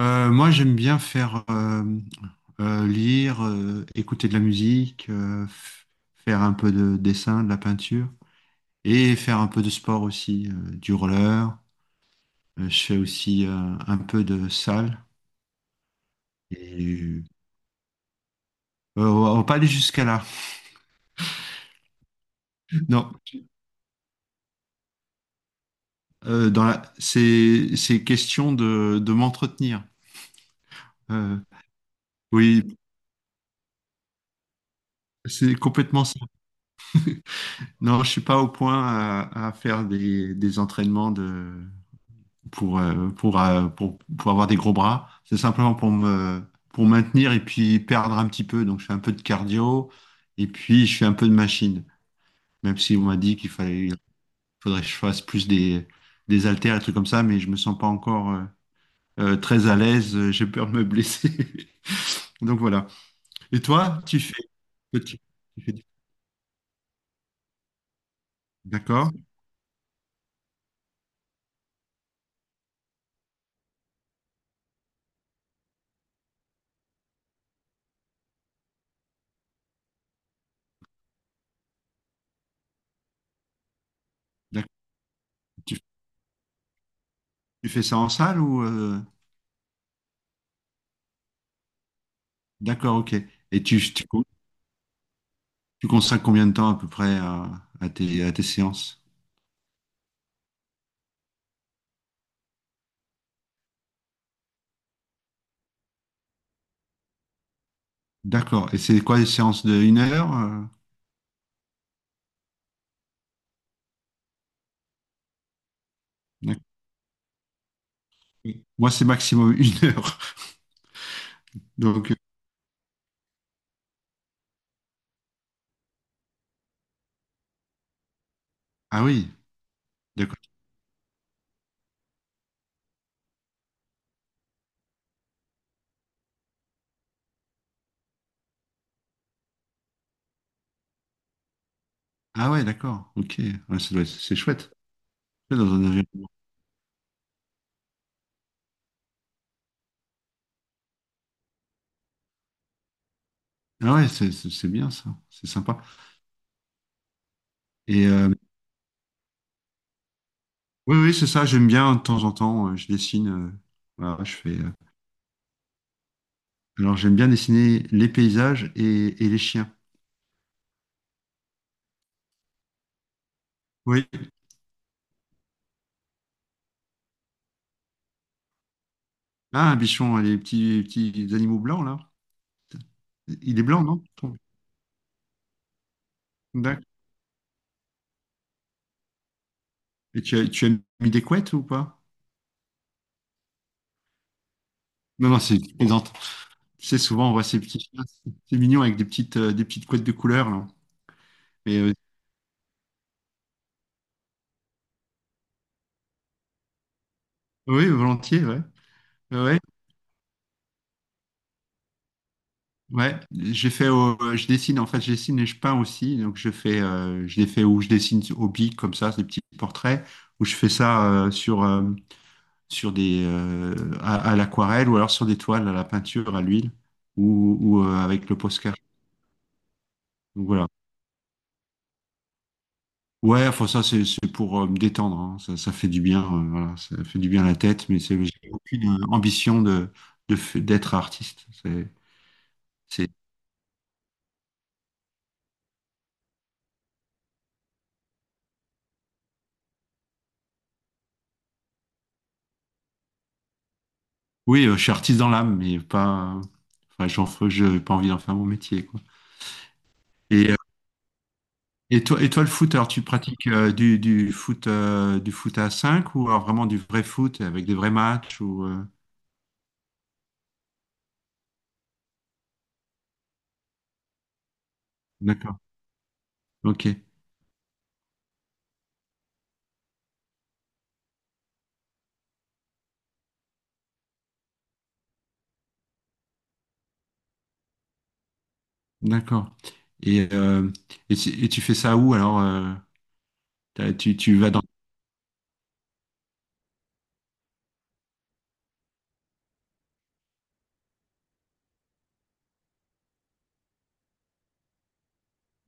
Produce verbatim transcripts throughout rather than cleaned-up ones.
Euh, moi, j'aime bien faire euh, euh, lire, euh, écouter de la musique, euh, f- faire un peu de dessin, de la peinture et faire un peu de sport aussi, euh, du roller. Euh, je fais aussi euh, un peu de salle et euh, on va pas aller jusqu'à là. Non. Euh, dans la... c'est c'est question de, de m'entretenir. Euh, oui, c'est complètement ça. Non, je suis pas au point à, à faire des, des entraînements de pour, euh, pour, euh, pour, pour avoir des gros bras. C'est simplement pour me, pour maintenir et puis perdre un petit peu. Donc, je fais un peu de cardio et puis je fais un peu de machine. Même si on m'a dit qu'il fallait, il faudrait que je fasse plus des, des haltères et trucs comme ça, mais je me sens pas encore euh, euh, très à l'aise. euh, J'ai peur de me blesser. Donc, voilà. Et toi, tu fais? tu, tu fais, du- d'accord, d'accord. Tu, tu fais ça en salle ou, euh, d'accord, ok. Et tu, tu, tu consacres combien de temps à peu près à, à tes, à tes séances? D'accord. Et c'est quoi les séances de une heure? euh D'accord. Moi, c'est maximum une heure. Donc, euh, ah oui, d'accord. Ah ouais, d'accord. Ok. Ouais, ça doit être- c'est chouette. C'est dans un environnement. Ah ouais, c'est c'est- c'est bien ça. C'est sympa. Et euh, oui, oui, c'est ça. J'aime bien de temps en temps. euh, Je dessine. Euh, voilà. je fais. Euh, Alors, j'aime bien dessiner les paysages et, et les chiens. Oui. Ah, un bichon, hein, les petits, petits animaux blancs là. Il est blanc, non? D'accord. Et tu as, tu as mis des couettes ou pas? Non, non, c'est une plaisante. Tu sais, souvent, on voit ces petits chiens, c'est mignon avec des petites, euh, des petites couettes de couleur, là. Mais euh, oui, volontiers, ouais. Ouais, ouais, ouais. J'ai fait au- euh, je dessine, en fait, je dessine et je peins aussi. Donc, je fais, euh, je les fais où je dessine au bic, comme ça, des petits portraits, où je fais ça euh, sur, euh, sur des, euh, à, à l'aquarelle ou alors sur des toiles, à la peinture, à l'huile ou, ou euh, avec le Posca. Donc, voilà. Ouais, enfin ça c'est c'est pour euh, me détendre, hein. Ça, ça fait du bien, euh, voilà, ça fait du bien à la tête, mais c'est j'ai aucune euh, ambition de de f- d'être artiste. C'est c'est oui, euh, je suis artiste dans l'âme, mais pas, euh, enfin j'en fais- j'ai pas envie d'en faire mon métier quoi. Et euh, et toi et toi le foot, alors tu pratiques euh, du du foot euh, du foot à cinq ou alors vraiment du vrai foot avec des vrais matchs ou euh, D'accord, ok, d'accord. Et euh, et, c'est- et tu fais ça où alors euh, t'as- tu tu vas dans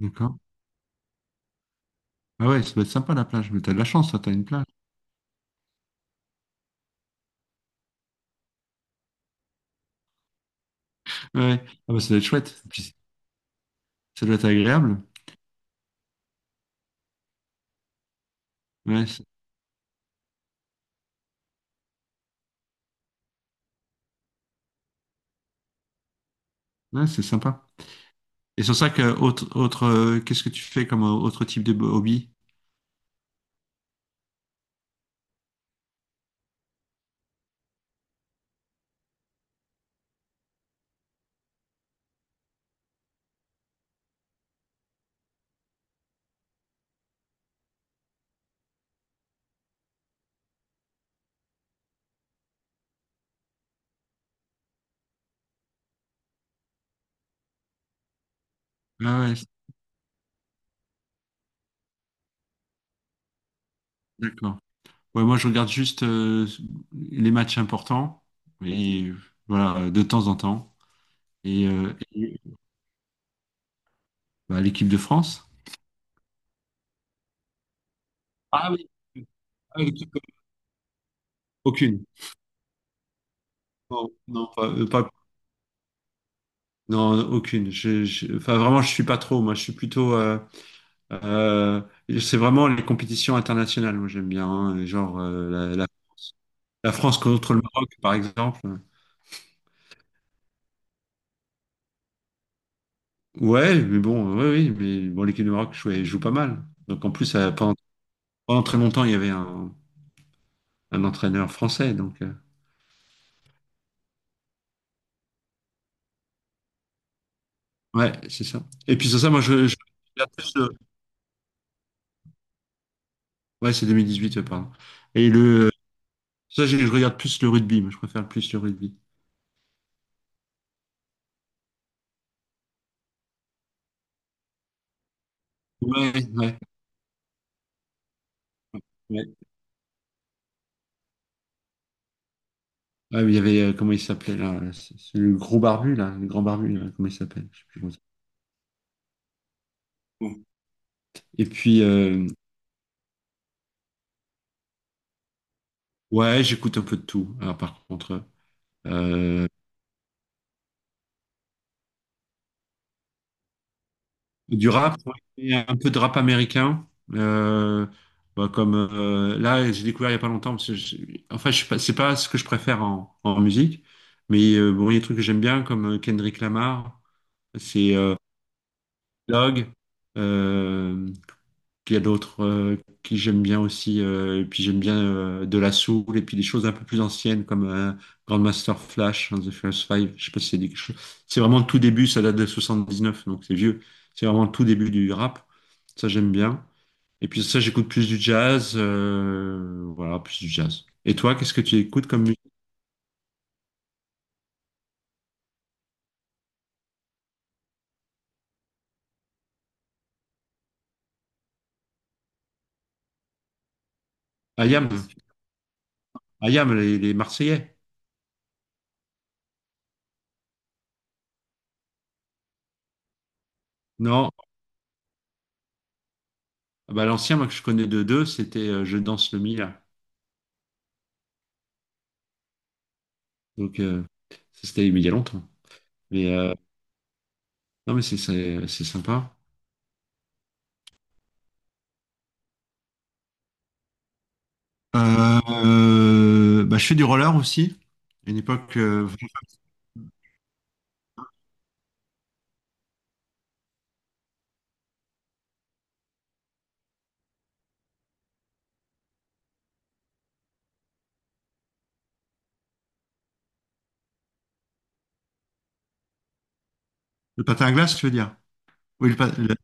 D'accord. Ah ouais, ça doit être sympa la plage, mais t'as de la chance, toi, t'as une plage. Ouais, ouais. Ah bah, ça doit être chouette, puis ça doit être agréable. Ouais, c'est ouais, c'est sympa. Et sur ça, que, autre, autre, euh, qu'est-ce que tu fais comme euh, autre type de hobby? Ah ouais, d'accord. Ouais, moi, je regarde juste euh, les matchs importants, et euh, voilà, euh, de temps en temps. Et, euh, et, Bah, l'équipe de France? Ah oui, ah, l'équipe de- aucune. Non, non, pas, euh, pas- non, aucune. Je, je- enfin, vraiment, je suis pas trop. Moi, je suis plutôt. Euh, c'est vraiment les compétitions internationales, moi j'aime bien, hein, genre euh, la, la- la France contre le Maroc, par exemple. Ouais, mais bon, ouais, oui, mais bon, l'équipe du Maroc jouait- joue, pas mal. Donc en plus, euh, pendant, pendant très longtemps, il y avait un, un entraîneur français, donc euh, ouais, c'est ça. Et puis sur ça, moi je, je regarde plus le- ouais, c'est deux mille dix-huit, euh, pardon. Et le Ça, je, je regarde plus le rugby, moi, je préfère plus le rugby. Ouais, ouais, ouais. Ah, mais il y avait, euh, comment il s'appelait là? C'est c'est le gros barbu là, le grand barbu, là, comment il s'appelle? Je sais plus comment il s'appelle. Bon. Et puis, euh, ouais, j'écoute un peu de tout. Alors, par contre, euh, du rap, ouais, un peu de rap américain. Euh, Bah, comme euh, là, j'ai découvert il n'y a pas longtemps. Parce que je- enfin, je, sais pas- c'est pas ce que je préfère en, en musique, mais euh, bon, il y a des trucs que j'aime bien, comme euh, Kendrick Lamar, c'est euh, Log. euh, Puis il y a d'autres euh, qui j'aime bien aussi. Euh, et puis j'aime bien euh, de la soul et puis des choses un peu plus anciennes comme euh, Grandmaster Flash and the First Five. Je sais pas si c'est dit quelque chose. C'est vraiment le tout début, ça date de soixante-dix-neuf donc c'est vieux. C'est vraiment le tout début du rap. Ça, j'aime bien. Et puis ça, j'écoute plus du jazz. Euh, voilà, plus du jazz. Et toi, qu'est-ce que tu écoutes comme musique? Ayam, Ayam, les, les Marseillais. Non. Ah bah, l'ancien, moi, que je connais de deux, c'était euh, Je danse le Mila. Donc, euh, Ça, c'était mais il y a longtemps. Mais euh, Non, mais c'est c'est- c'est sympa. Euh, euh, Bah, je fais du roller aussi. À une époque, euh, le patin à glace, tu veux dire? Oui, le pa- le-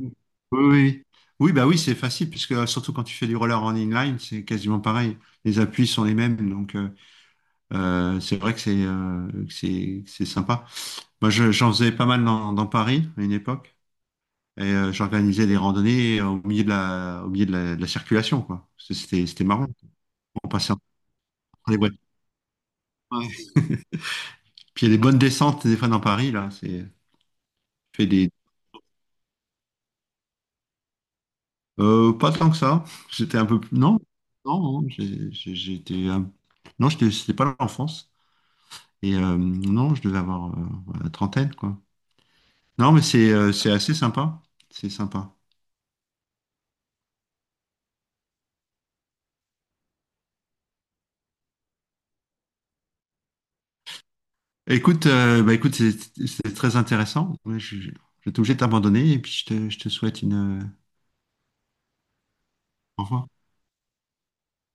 oui, oui, oui. Oui, bah oui, c'est facile, puisque euh, surtout quand tu fais du roller en inline, c'est quasiment pareil. Les appuis sont les mêmes, donc euh, euh, c'est vrai que c'est euh, que c'est que c'est sympa. Moi, je- j'en faisais pas mal dans, dans Paris à une époque, et euh, j'organisais des randonnées euh, au milieu de la au milieu de la, de la circulation, quoi. C'était c'était marrant. On passait entre les voitures. Puis il y a des bonnes descentes des fois dans Paris, là. C'est fait des. Euh, pas tant que ça. J'étais un peu plus. Non, non, non, j'ai- j'ai- j'étais. Euh, Non, j'étais- c'était pas l'enfance. Et euh, non, je devais avoir euh, voilà, la trentaine, quoi. Non, mais c'est euh, c'est assez sympa. C'est sympa. Écoute, euh, bah, écoute, c'est c'est très intéressant. Ouais, je, je, je vais être obligé de t'abandonner et puis je te, je te souhaite une. Euh, au revoir.